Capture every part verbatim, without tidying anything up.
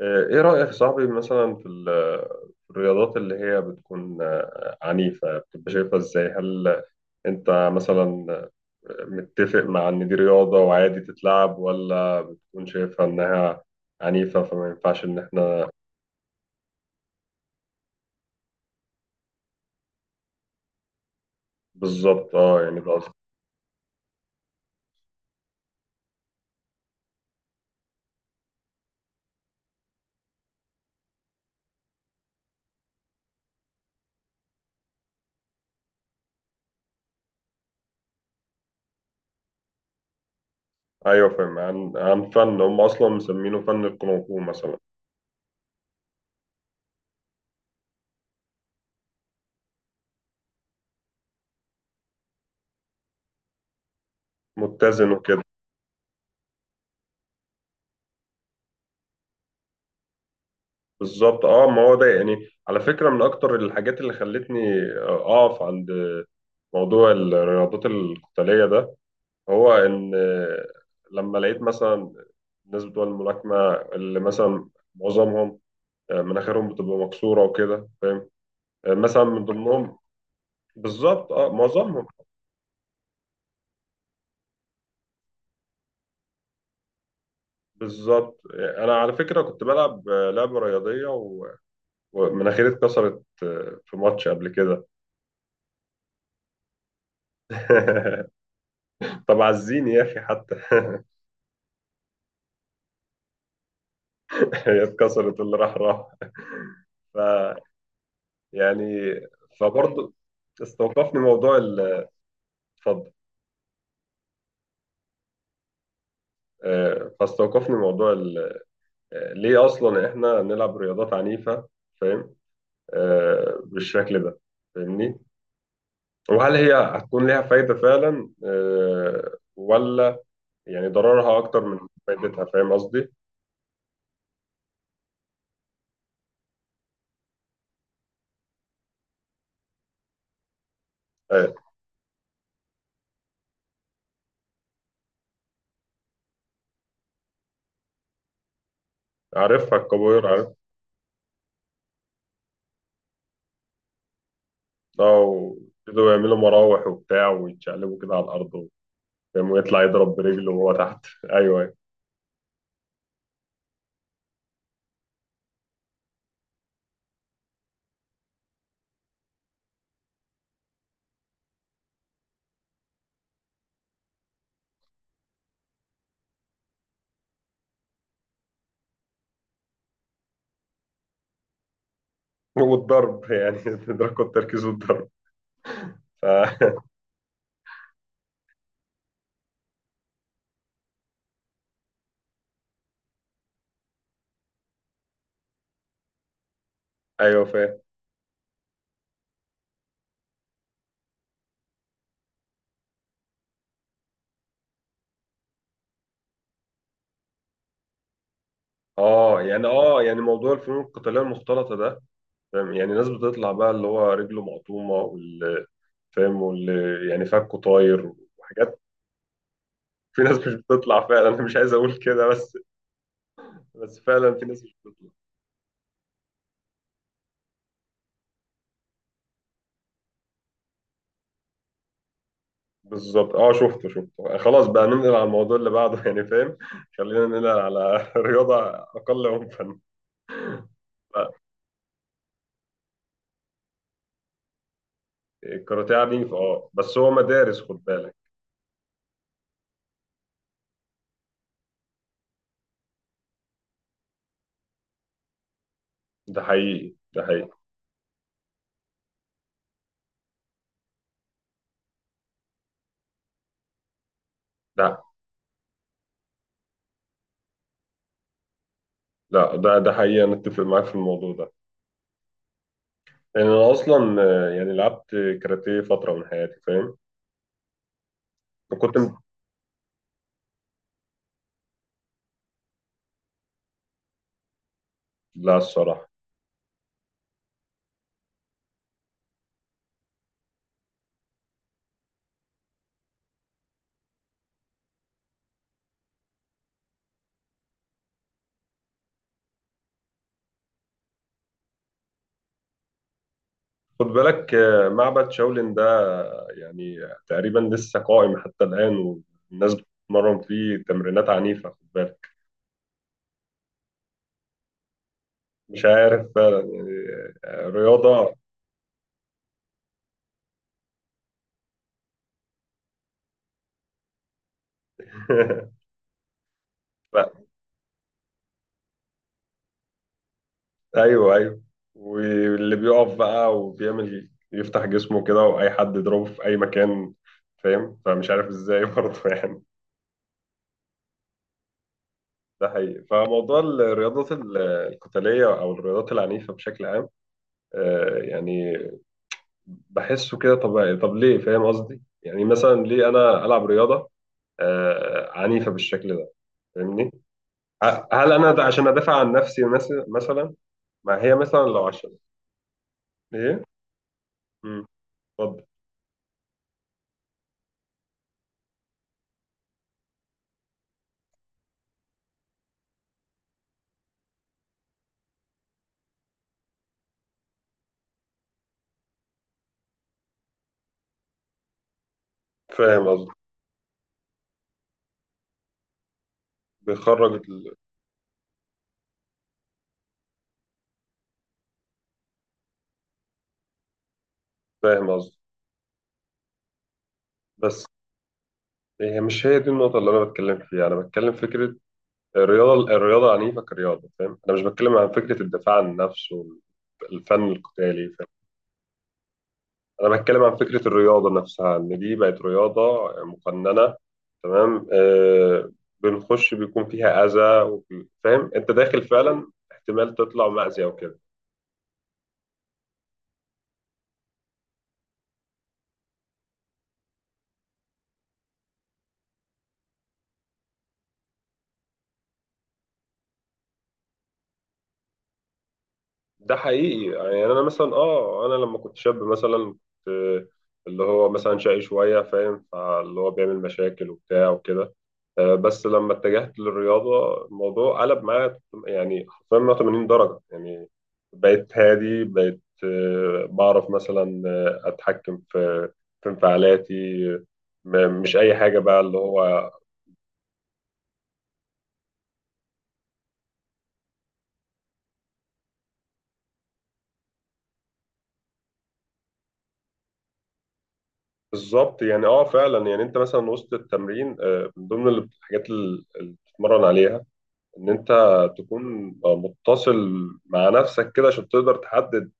آه، ايه رأيك يا صاحبي مثلا في ال- في الرياضات اللي هي بتكون آه، عنيفة؟ بتبقى شايفها ازاي؟ هل انت مثلا آه، متفق مع ان دي رياضة وعادي تتلعب، ولا بتكون شايفها انها عنيفة فما ينفعش ان احنا؟ بالظبط اه، يعني ده قصدي. ايوه فاهم، عن عن فن هم اصلا مسمينه فن الكونغ فو مثلا. متزن وكده. بالظبط اه، ما هو ده يعني على فكرة من اكتر الحاجات اللي خلتني اقف عند موضوع الرياضات القتالية ده، هو إن لما لقيت مثلا الناس بتوع الملاكمة اللي مثلا معظمهم آه، مناخيرهم بتبقى مكسورة وكده، فاهم؟ آه، مثلا من ضمنهم. بالظبط اه، معظمهم. بالظبط آه، أنا على فكرة كنت بلعب آه، لعبة رياضية و- ومناخيري اتكسرت آه، في ماتش قبل كده. طب عزيني يا أخي حتى. هي اتكسرت، اللي راح راح يعني. فبرضه استوقفني موضوع ال- اتفضل. آه، فاستوقفني موضوع ال- آه، ليه اصلا احنا بنلعب رياضات عنيفه، فاهم؟ آه، بالشكل ده، فاهمني؟ وهل هي هتكون ليها فايده فعلا آه، ولا يعني ضررها اكتر من فايدتها؟ فاهم قصدي؟ آه، عارفها الكبار، عارف. اه، ويبتدوا يعملوا مراوح وبتاع ويتشقلبوا كده على الارض. فاهم، ويطلع يضرب برجله وهو تحت. ايوه أيوة. والضرب يعني. تدركوا التركيز والضرب. ف... ايوه فاهم. اه يعني، اه يعني موضوع الفنون القتاليه المختلطه ده، فاهم يعني؟ ناس بتطلع بقى اللي هو رجله مقطومه، واللي فاهم، واللي يعني فكه طاير وحاجات. في ناس مش بتطلع فعلا، انا مش عايز اقول كده، بس بس فعلا في ناس مش بتطلع. بالظبط اه، شفته شفته، خلاص بقى ننقل على الموضوع اللي بعده. يعني فاهم، خلينا ننقل على رياضه اقل عنفا. ف- الكاراتيه عنيف اه، بس هو مدارس، خد بالك. ده حقيقي، ده حقيقي. لا لا، ده ده حقيقي، انا اتفق معاك في الموضوع ده. لأن أنا أصلا آه، يعني لعبت كاراتيه فترة من حياتي، فاهم؟ وكنت م- لا الصراحة. خد بالك آه، معبد شاولين ده، يعني تقريبا لسه قائم حتى الآن، والناس بتتمرن فيه تمرينات عنيفة، خد بالك. مش عارف فعلا يعني. آه، رياضة. لا، أيوه أيوه. واللي بيقف بقى وبيعمل يفتح جسمه كده، وأي حد يضربه في أي مكان، فاهم؟ فمش عارف إزاي برضه يعني. ده حقيقي. فموضوع الرياضات ال- القتالية أو الرياضات العنيفة بشكل عام، آه، يعني بحسه كده طبيعي، طب ليه؟ فاهم قصدي؟ يعني مثلا ليه أنا ألعب رياضة آه، عنيفة بالشكل ده، فاهمني؟ ه- هل أنا ده عشان أدافع عن نفسي مس- مثلا؟ ما هي مثلا لو عشان إيه؟ مم، اتفضل. فاهم قصدي، بيخرج ال- فاهم قصدي، بس هي مش هي دي النقطة اللي أنا بتكلم فيها. أنا بتكلم فكرة الرياضة الرياضة عنيفة كرياضة، فاهم؟ أنا مش بتكلم عن فكرة الدفاع عن النفس والفن القتالي، فاهم؟ أنا بتكلم عن فكرة الرياضة نفسها، إن دي بقت رياضة مقننة، تمام؟ آه، بنخش بيكون فيها أذى، وفي- فاهم؟ أنت داخل فعلا احتمال تطلع مأذي أو كده. ده حقيقي. يعني أنا مثلا آه، أنا لما كنت شاب مثلا كنت آه، اللي هو مثلا شقي شوية، فاهم؟ فاللي هو بيعمل مشاكل وبتاع وكده. آه، بس لما اتجهت للرياضة الموضوع قلب معايا، يعني حرفيا مية وتمانين درجة يعني. بقيت هادي، بقيت آه، بعرف مثلا آه، أتحكم في في انفعالاتي. م- مش أي حاجة بقى اللي هو. بالظبط يعني اه، فعلا يعني انت مثلا وسط التمرين آه، من ضمن الحاجات ال- اللي بتتمرن عليها ان انت تكون آه، متصل مع نفسك كده، عشان تقدر تحدد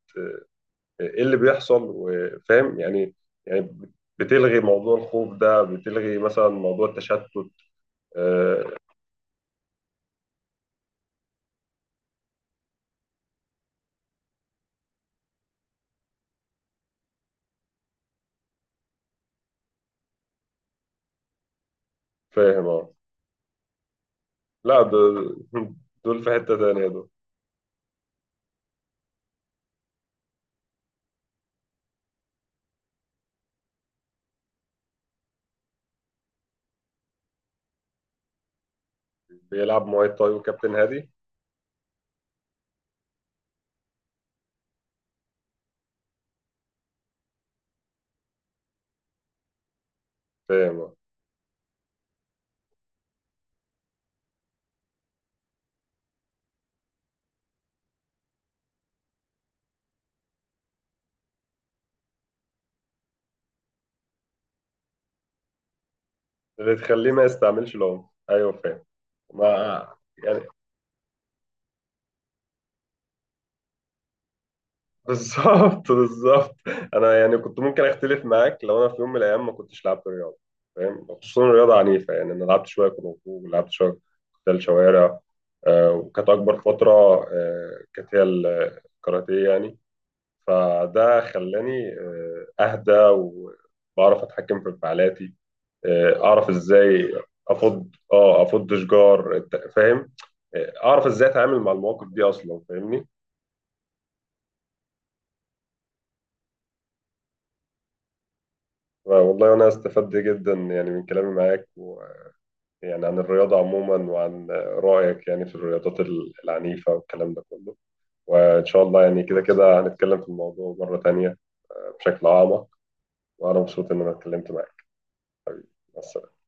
ايه اللي بيحصل، وفاهم يعني. يعني بتلغي موضوع الخوف ده، بتلغي مثلا موضوع التشتت. آه، فاهم اه. لا دول، دول في حتة تانية دول. بيلعب مواي تاي وكابتن هادي. فاهم اه. اللي تخليه ما يستعملش العنف، ايوه فاهم. ما يعني، بالظبط بالظبط. انا يعني كنت ممكن اختلف معاك لو انا في يوم من الايام ما كنتش لعبت رياضه، فاهم؟ خصوصا رياضه عنيفه. يعني انا لعبت شويه كونغ فو، ولعبت شويه قتال شوارع آه، وكانت اكبر فتره آه، كانت هي الكاراتيه يعني. فده خلاني آه، اهدى وبعرف اتحكم في انفعالاتي، آه، اعرف ازاي افض، اه، افض شجار، فاهم؟ آه، اعرف ازاي اتعامل مع المواقف دي اصلا، فاهمني؟ والله، وأنا استفدت جدا يعني من كلامي معاك، ويعني عن الرياضة عموما، وعن رأيك يعني في الرياضات ال- العنيفة والكلام ده كله. وإن شاء الله يعني كده كده هنتكلم في الموضوع مرة تانية بشكل أعمق. وأنا مبسوط إن أنا اتكلمت معاك. مع السلامة.